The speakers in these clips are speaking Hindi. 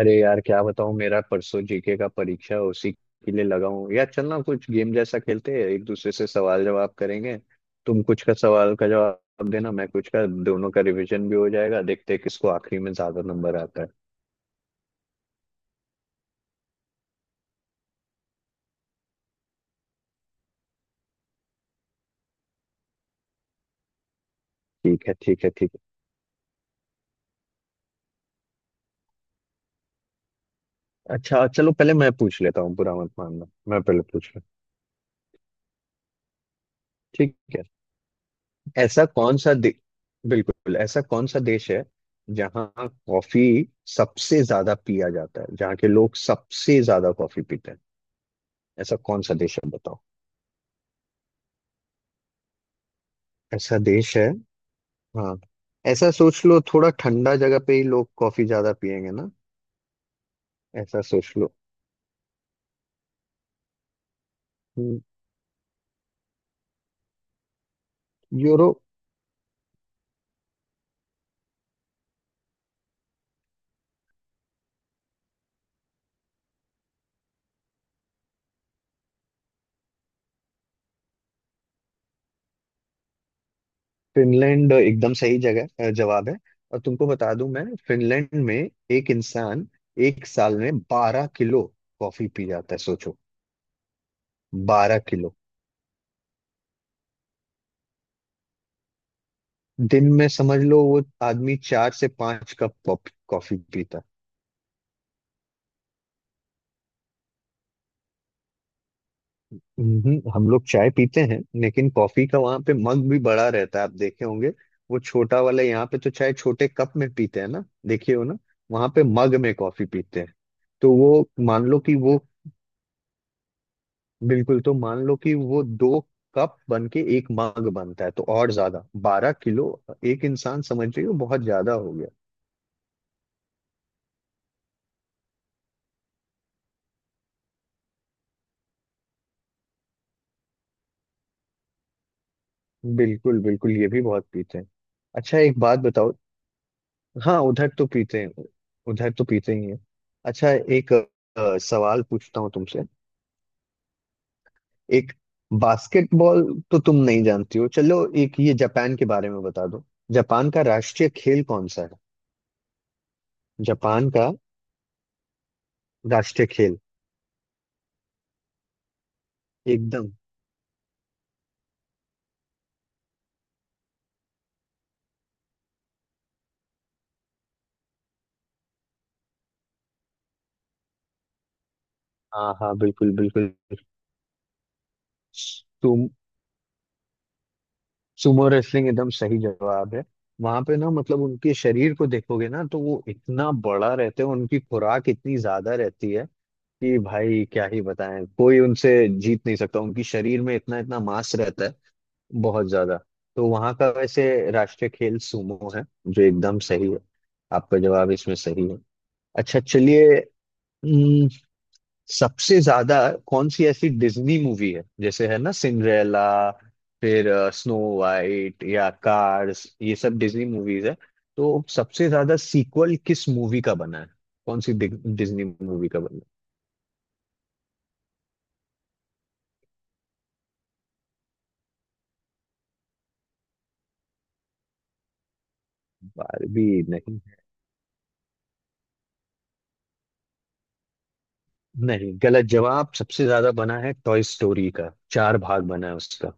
अरे यार क्या बताऊं मेरा परसों जीके का परीक्षा है, उसी के लिए लगा हूं यार। चल ना कुछ गेम जैसा खेलते हैं, एक दूसरे से सवाल जवाब करेंगे। तुम कुछ का सवाल का जवाब देना, मैं कुछ का। दोनों का रिवीजन भी हो जाएगा। देखते हैं किसको आखिरी में ज्यादा नंबर आता है। ठीक है, ठीक है, ठीक है। अच्छा चलो पहले मैं पूछ लेता हूँ, बुरा मत मानना, मैं पहले पूछ रहा हूं। ठीक है। ऐसा कौन सा दे... बिल्कुल, ऐसा कौन सा देश है जहाँ कॉफी सबसे ज्यादा पिया जाता है, जहाँ के लोग सबसे ज्यादा कॉफी पीते हैं? ऐसा कौन सा देश है बताओ? ऐसा देश है। हाँ। ऐसा सोच लो, थोड़ा ठंडा जगह पे ही लोग कॉफी ज्यादा पियेंगे ना। ऐसा सोच लो। हम्म। यूरोप। फिनलैंड एकदम सही जगह जवाब है। और तुमको बता दूं, मैं फिनलैंड में एक इंसान एक साल में 12 किलो कॉफी पी जाता है, सोचो। 12 किलो दिन में समझ लो, वो आदमी 4 से 5 कप कॉफी पीता। हम लोग चाय पीते हैं, लेकिन कॉफी का वहां पे मग भी बड़ा रहता है, आप देखे होंगे वो छोटा वाला। यहाँ पे तो चाय छोटे कप में पीते हैं ना, देखिए, हो ना। वहां पे मग में कॉफी पीते हैं। तो वो मान लो कि वो, बिल्कुल, तो मान लो कि वो 2 कप बन के एक मग बनता है, तो और ज्यादा। 12 किलो एक इंसान, समझ रही हो, बहुत ज्यादा हो गया। बिल्कुल, बिल्कुल, ये भी बहुत पीते हैं। अच्छा एक बात बताओ। हाँ, उधर तो पीते हैं, उधर तो पीते ही हैं। अच्छा। एक सवाल पूछता हूँ तुमसे। एक बास्केटबॉल, तो तुम नहीं जानती हो। चलो एक ये जापान के बारे में बता दो। जापान का राष्ट्रीय खेल कौन सा है? जापान का राष्ट्रीय खेल। एकदम। हाँ हाँ, बिल्कुल बिल्कुल। तुम सुमो रेसलिंग एकदम सही जवाब है। वहां पे ना, मतलब उनके शरीर को देखोगे ना तो वो इतना बड़ा रहते हैं, उनकी खुराक इतनी ज्यादा रहती है कि भाई क्या ही बताएं, कोई उनसे जीत नहीं सकता। उनकी शरीर में इतना इतना मांस रहता है, बहुत ज्यादा। तो वहां का वैसे राष्ट्रीय खेल सूमो है, जो एकदम सही है। आपका जवाब इसमें सही है। अच्छा चलिए। हम्म, सबसे ज्यादा कौन सी ऐसी डिज्नी मूवी है, जैसे है ना सिंड्रेला, फिर स्नो वाइट या कार्स, ये सब डिज्नी मूवीज है, तो सबसे ज्यादा सीक्वल किस मूवी का बना है? कौन सी डिज्नी मूवी का बना है? बारबी नहीं, नहीं गलत जवाब। सबसे ज्यादा बना है टॉय स्टोरी का, चार भाग बना है उसका।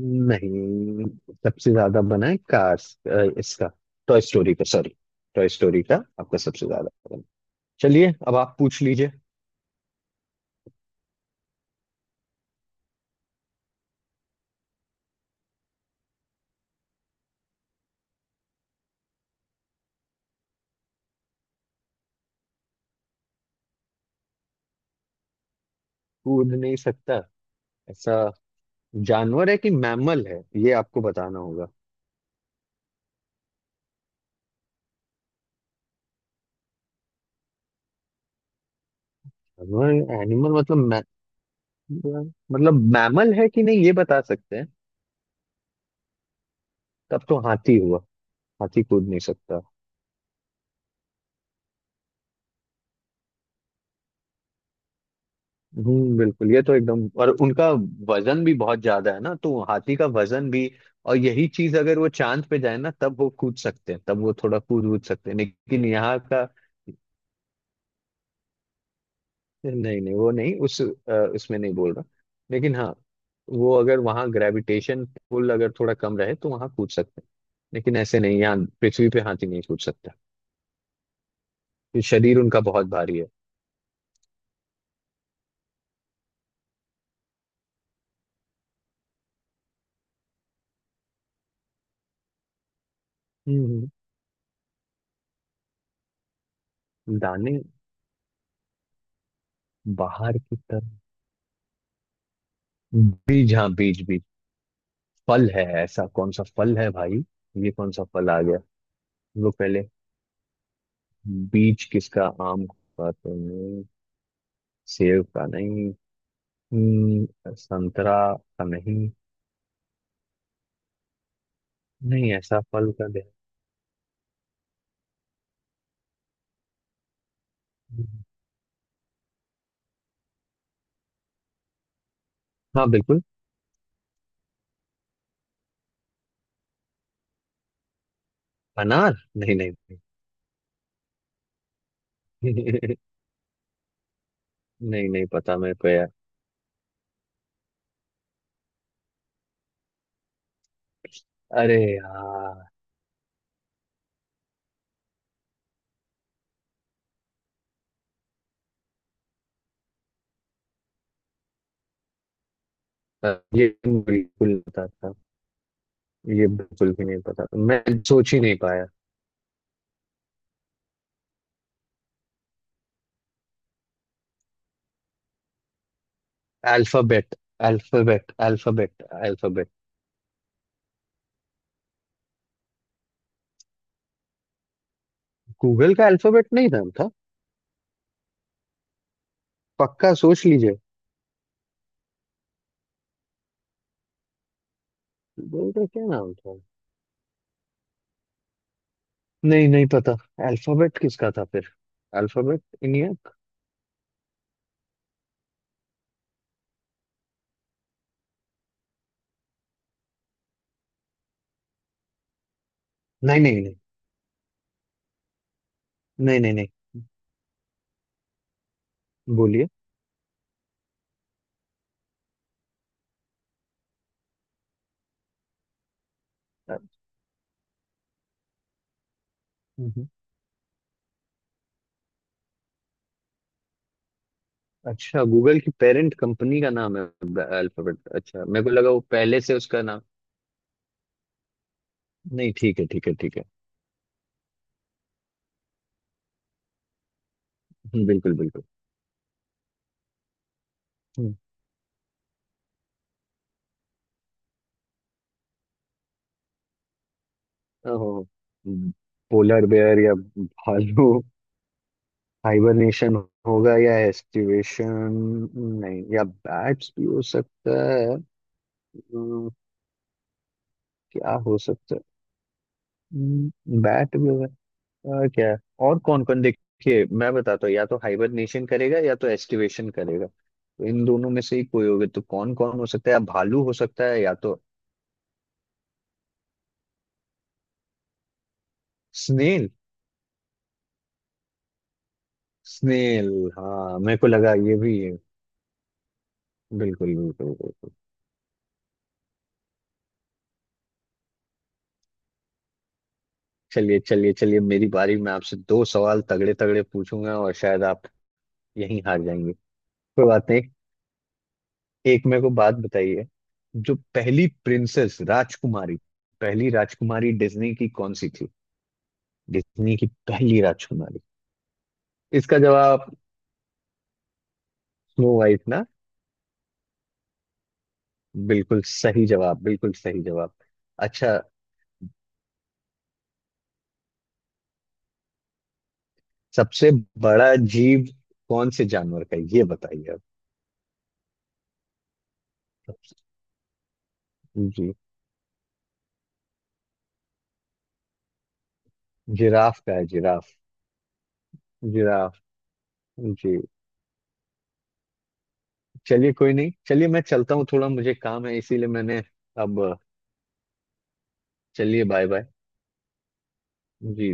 नहीं, सबसे ज्यादा बना है कार्स इसका, टॉय स्टोरी का, सॉरी। टॉय स्टोरी का आपका सबसे ज्यादा बना। चलिए अब आप पूछ लीजिए। कूद नहीं सकता ऐसा जानवर है कि मैमल है, ये आपको बताना होगा। जानवर एनिमल मतलब मतलब मैमल है कि नहीं, ये बता सकते हैं? तब तो हाथी हुआ, हाथी कूद नहीं सकता। बिल्कुल, ये तो एकदम, और उनका वजन भी बहुत ज्यादा है ना, तो हाथी का वजन भी। और यही चीज अगर वो चांद पे जाए ना तब वो कूद सकते हैं, तब वो थोड़ा कूद कूद सकते हैं, लेकिन यहाँ का। नहीं नहीं, वो नहीं, उस उसमें नहीं बोल रहा, लेकिन हाँ, वो अगर वहाँ ग्रेविटेशन पुल अगर थोड़ा कम रहे तो वहाँ कूद सकते हैं, लेकिन ऐसे नहीं, यहाँ पृथ्वी पे हाथी नहीं कूद सकता। ये शरीर उनका बहुत भारी है। हम्म। हम्म। दाने बाहर की तरफ। बीज, हाँ, बीज बीज। फल है, ऐसा कौन सा फल है भाई? ये कौन सा फल आ गया? वो पहले बीज किसका? आम का तो नहीं, सेब का नहीं, हम्म, संतरा का नहीं। नहीं, ऐसा फल का दे। हाँ बिल्कुल। अनार? नहीं, नहीं, नहीं। नहीं, नहीं पता मेरे को यार। अरे यार, ये तो बिल्कुल नहीं पता था, ये बिल्कुल भी नहीं पता, मैं सोच ही नहीं पाया। Alphabet, alphabet, alphabet, alphabet. Google का अल्फाबेट नहीं था? पक्का सोच लीजिए। बोल रहे क्या नाम था? नहीं नहीं पता। अल्फाबेट किसका था फिर? Alphabet India? नहीं, नहीं, नहीं, नहीं, नहीं, नहीं। बोलिए। अ, हम्म, अच्छा, गूगल की पेरेंट कंपनी का नाम है अल्फाबेट, अच्छा मेरे को लगा वो पहले से उसका नाम। नहीं ठीक है, ठीक है, ठीक है। बिल्कुल बिल्कुल। हम्म, ओहो, पोलर बेयर या भालू? हाइबरनेशन होगा या एस्टिवेशन? नहीं, या बैट्स भी हो सकता है। हम्म, क्या हो सकता है? बैट भी हो गया, और क्या है? और कौन कौन, देखिए मैं बताता हूँ, या तो हाइबरनेशन करेगा या तो एस्टिवेशन करेगा, तो इन दोनों में से ही कोई होगा, तो कौन कौन हो सकता है, या भालू हो सकता है या तो स्नेल। स्नेल। हाँ, मेरे को लगा ये भी है। बिल्कुल, बिल्कुल, बिल्कुल। चलिए, चलिए, चलिए, मेरी बारी। मैं आपसे दो सवाल तगड़े तगड़े पूछूंगा, और शायद आप यहीं हार जाएंगे। कोई बात नहीं। एक मेरे को बात बताइए, जो पहली प्रिंसेस, राजकुमारी, पहली राजकुमारी डिज्नी की कौन सी थी? डिज्नी की पहली राजकुमारी, इसका जवाब? स्नो वाइट ना? बिल्कुल सही जवाब, बिल्कुल सही जवाब। अच्छा सबसे बड़ा जीव कौन से जानवर का है? ये बताइए आप। जी। जिराफ का है, जिराफ, जिराफ। जी। चलिए कोई नहीं, चलिए मैं चलता हूँ, थोड़ा मुझे काम है, इसीलिए मैंने अब। चलिए बाय बाय। जी।